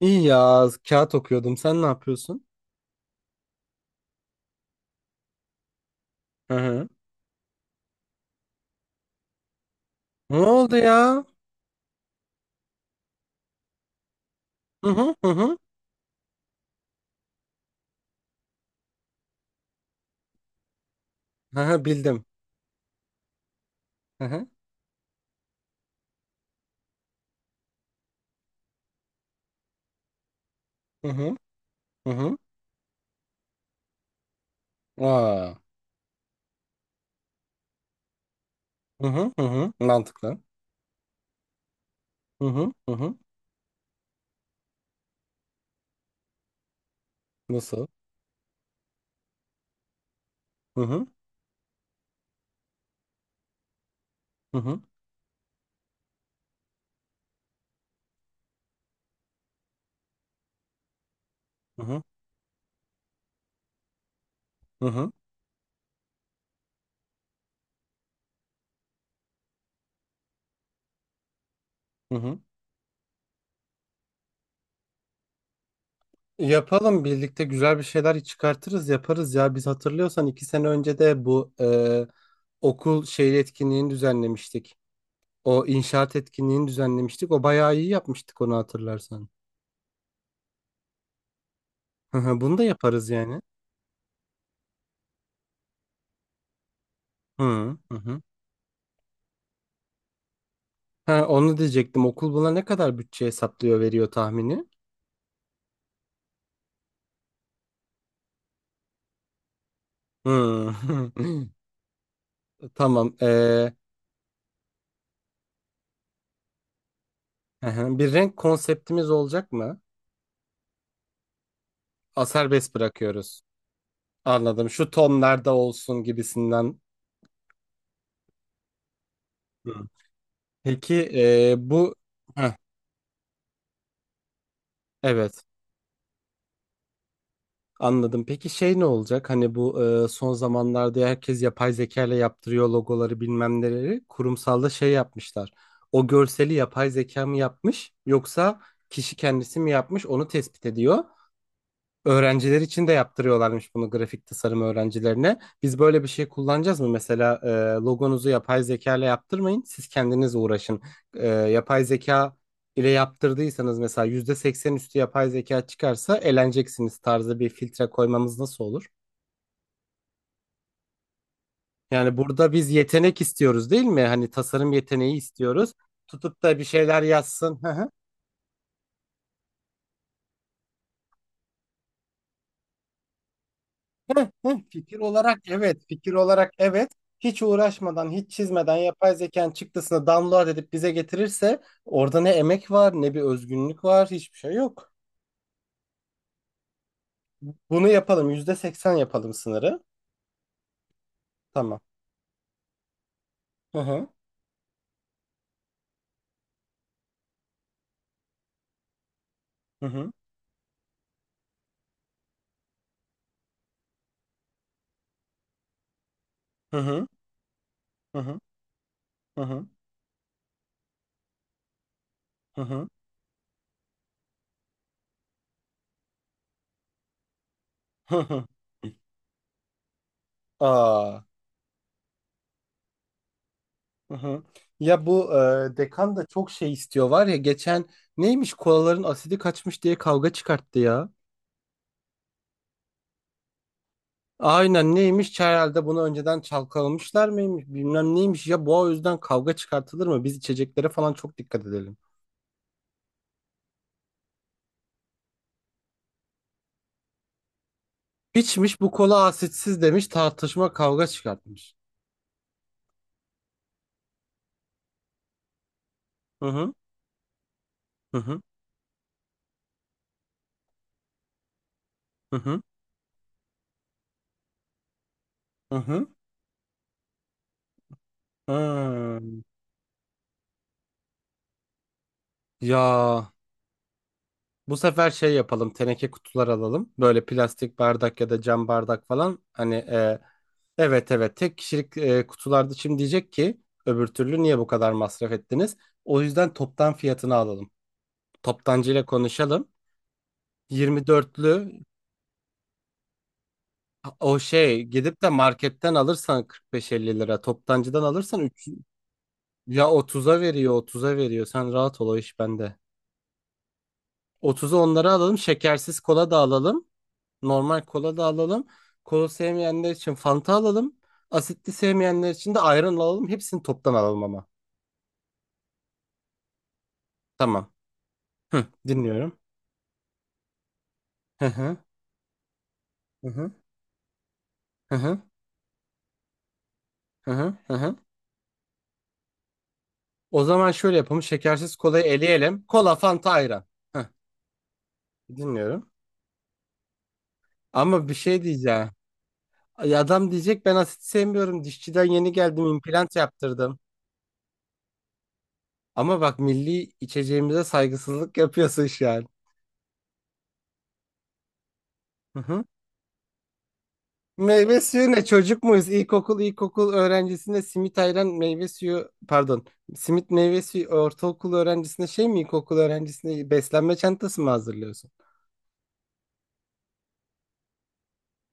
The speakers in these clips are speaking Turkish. İyi ya kağıt okuyordum. Sen ne yapıyorsun? Hı hı. Ne oldu ya? Hı hı hı hı. Hı hı, bildim. Hı hı hı hı hı hı. Aa. Hı hı hı hı. Mantıklı. Hı hı hı hı. Nasıl? Hı hı hı hı hı hı hı hı. Hı hı. Yapalım birlikte güzel bir şeyler çıkartırız yaparız ya. Biz hatırlıyorsan 2 sene önce de bu okul şey etkinliğini düzenlemiştik. O inşaat etkinliğini düzenlemiştik. O bayağı iyi yapmıştık onu hatırlarsan. Hı hı, bunu da yaparız yani. Hı hı. Hı. Ha, onu diyecektim. Okul buna ne kadar bütçe hesaplıyor, veriyor tahmini? Hı. Tamam. Hı hı. Bir renk konseptimiz olacak mı? A, serbest bırakıyoruz. Anladım. Şu tonlarda olsun gibisinden. Hı. Peki bu Heh, evet. Anladım. Peki şey ne olacak? Hani bu son zamanlarda herkes yapay zeka ile yaptırıyor logoları bilmem neleri. Kurumsalda şey yapmışlar. O görseli yapay zeka mı yapmış yoksa kişi kendisi mi yapmış onu tespit ediyor. Öğrenciler için de yaptırıyorlarmış bunu grafik tasarım öğrencilerine. Biz böyle bir şey kullanacağız mı? Mesela logonuzu yapay zeka ile yaptırmayın. Siz kendiniz uğraşın. Yapay zeka ile yaptırdıysanız mesela %80 üstü yapay zeka çıkarsa eleneceksiniz tarzı bir filtre koymamız nasıl olur? Yani burada biz yetenek istiyoruz değil mi? Hani tasarım yeteneği istiyoruz. Tutup da bir şeyler yazsın. Fikir olarak evet, fikir olarak evet. Hiç uğraşmadan, hiç çizmeden yapay zekanın çıktısını download edip bize getirirse orada ne emek var, ne bir özgünlük var, hiçbir şey yok. Bunu yapalım, %80 yapalım sınırı. Tamam. Hı hı, hı hı, hı hı, hı hı, hı hı, hı hı, hı hı. Aa, hı hı. Ya bu dekan da çok şey istiyor var ya, geçen neymiş kolaların asidi kaçmış diye kavga çıkarttı ya. Aynen, neymiş herhalde bunu önceden çalkalamışlar mıymış bilmem neymiş ya bu, o yüzden kavga çıkartılır mı, biz içeceklere falan çok dikkat edelim. İçmiş bu kola asitsiz demiş, tartışma kavga çıkartmış. Hı hı hı hı hı hı hı. Hı. Hı. Ya bu sefer şey yapalım, teneke kutular alalım, böyle plastik bardak ya da cam bardak falan, hani evet evet tek kişilik kutularda. Şimdi diyecek ki öbür türlü niye bu kadar masraf ettiniz, o yüzden toptan fiyatını alalım. Toptancıyla konuşalım. 24'lü, o şey gidip de marketten alırsan 45-50 lira. Toptancıdan alırsan 3 ya otuz'a veriyor, otuz'a veriyor. Sen rahat ol, o iş bende. 30'u onları alalım. Şekersiz kola da alalım. Normal kola da alalım. Kola sevmeyenler için Fanta alalım. Asitli sevmeyenler için de ayran alalım. Hepsini toptan alalım ama. Tamam. Hı, dinliyorum. Hı hı. Hı hı. Hı hı. Hı hı. Hı hı. O zaman şöyle yapalım. Şekersiz kolayı eleyelim. Kola, Fanta, ayran. Hı. Dinliyorum. Ama bir şey diyeceğim. Ay, adam diyecek ben asit sevmiyorum, dişçiden yeni geldim implant yaptırdım. Ama bak, milli içeceğimize saygısızlık yapıyorsun şu an. Hı hı. Meyve suyu? Ne çocuk muyuz? İlkokul öğrencisine simit ayran meyve suyu, pardon, simit meyve suyu, ortaokul öğrencisine şey mi, ilkokul öğrencisine beslenme çantası mı hazırlıyorsun?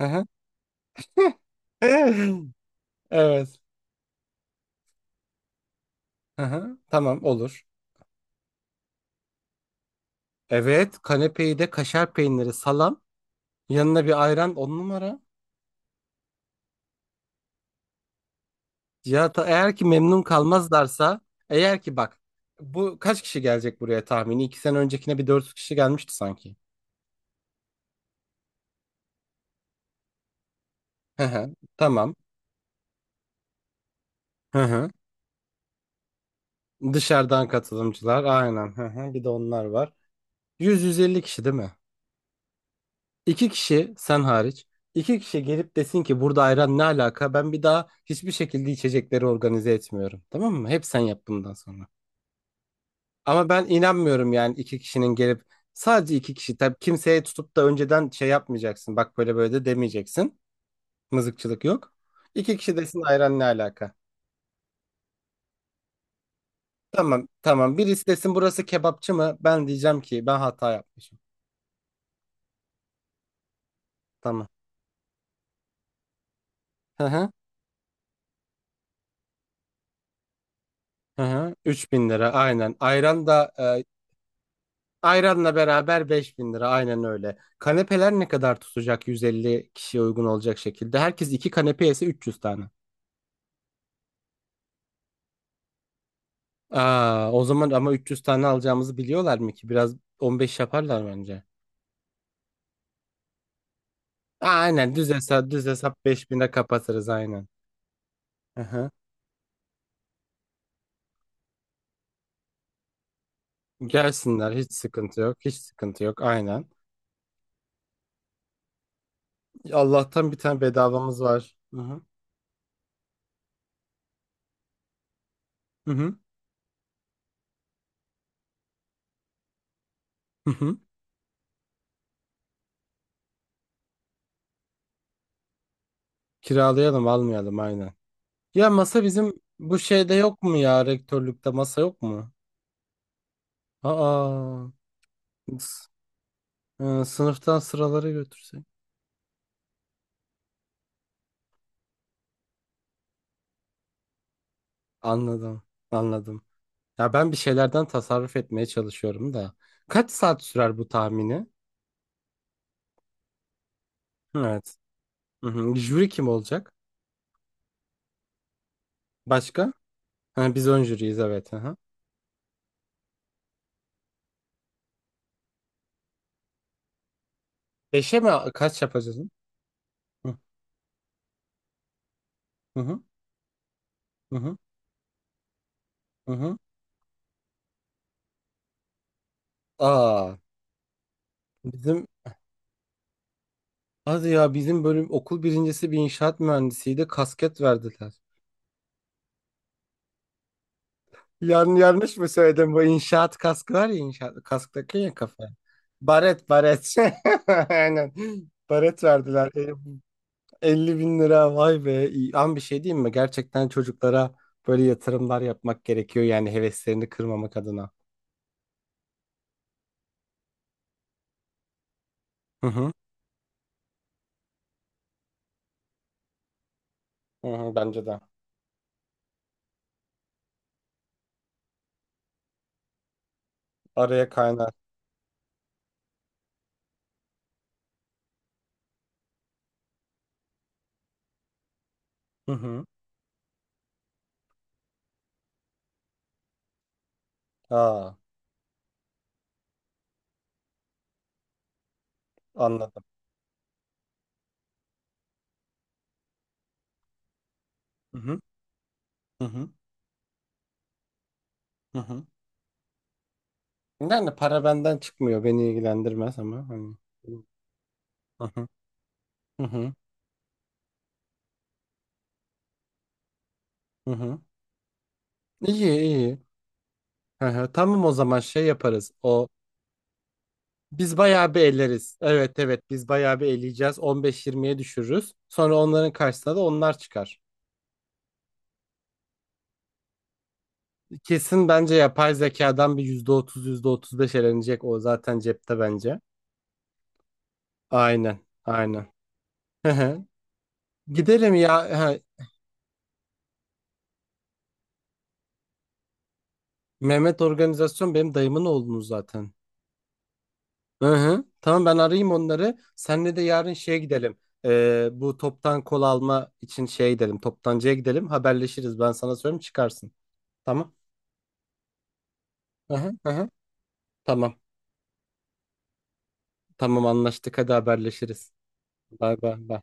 Hı hı. Evet. Hı hı. Tamam, olur. Evet, kanepeyi de kaşar peyniri salam yanına bir ayran, on numara. Cihat, eğer ki memnun kalmazlarsa, eğer ki bak, bu kaç kişi gelecek buraya tahmini? 2 sene öncekine bir 400 kişi gelmişti sanki. Hı hı, tamam. Hı hı. Dışarıdan katılımcılar, aynen. Hı hı. Bir de onlar var. 100-150 kişi değil mi? İki kişi sen hariç. İki kişi gelip desin ki burada ayran ne alaka, ben bir daha hiçbir şekilde içecekleri organize etmiyorum. Tamam mı? Hep sen yap bundan sonra. Ama ben inanmıyorum yani iki kişinin gelip, sadece iki kişi. Tabii kimseye tutup da önceden şey yapmayacaksın. Bak böyle böyle de demeyeceksin. Mızıkçılık yok. İki kişi desin ayran ne alaka? Tamam tamam, birisi desin burası kebapçı mı, ben diyeceğim ki ben hata yapmışım. Tamam. Hı hı. Hı hı. 3.000 lira aynen. Ayran da e, ayranla beraber 5.000 lira, aynen öyle. Kanepeler ne kadar tutacak 150 kişiye uygun olacak şekilde? Herkes iki kanepe yese 300 tane. Aa, o zaman ama 300 tane alacağımızı biliyorlar mı ki? Biraz 15 yaparlar bence. Aynen, düz hesap düz hesap 5.000'e kapatırız aynen. Aha. Gelsinler, hiç sıkıntı yok. Hiç sıkıntı yok, aynen. Allah'tan bir tane bedavamız var. Hı hı. Hı hı. Hı hı. Kiralayalım, almayalım aynen. Ya masa bizim bu şeyde yok mu ya, rektörlükte masa yok mu? Aa, s- sınıftan sıraları götürsek. Anladım. Anladım. Ya ben bir şeylerden tasarruf etmeye çalışıyorum da. Kaç saat sürer bu tahmini? Evet. Hı hı. Jüri kim olacak? Başka? Ha, biz ön jüriyiz, evet. Hı hı. Beşe mi, kaç yapacağız? Hı hı hı hı. Hı hı. Aa, bizim, hadi ya, bizim bölüm okul birincisi bir inşaat mühendisiydi. Kasket verdiler. Yani yanlış mı söyledim? Bu inşaat kaskı var ya, inşaat kasktaki ya kafa. Baret, baret. Aynen. Baret verdiler. 50 bin lira, vay be. İyi. Ama bir şey diyeyim mi? Gerçekten çocuklara böyle yatırımlar yapmak gerekiyor. Yani heveslerini kırmamak adına. Hı hı. Hı hı, bence de. Araya kaynar. Hı hı. Aa, anladım. Hı hı. Hı hı. Hı hı. Yani para benden çıkmıyor, beni ilgilendirmez ama. Hani. Hı hı. Hı hı. Hı hı. İyi, iyi. Hı hı. Tamam, o zaman şey yaparız. O, biz bayağı bir elleriz. Evet evet, biz bayağı bir eleyeceğiz. 15-20'ye düşürürüz. Sonra onların karşısına da onlar çıkar. Kesin, bence yapay zekadan bir yüzde otuz yüzde otuz beş elenecek, o zaten cepte bence. Aynen, aynen. Hı hı. Gidelim ya. Ha, Mehmet Organizasyon benim dayımın oğlunuz zaten. Hı hı. Tamam, ben arayayım onları. Senle de yarın şeye gidelim. Bu toptan kol alma için şeye gidelim. Toptancıya gidelim. Haberleşiriz. Ben sana söyleyeyim, çıkarsın. Tamam. Hı hı, hı hı. Tamam. Tamam, anlaştık. Hadi haberleşiriz. Bay bay. Bay.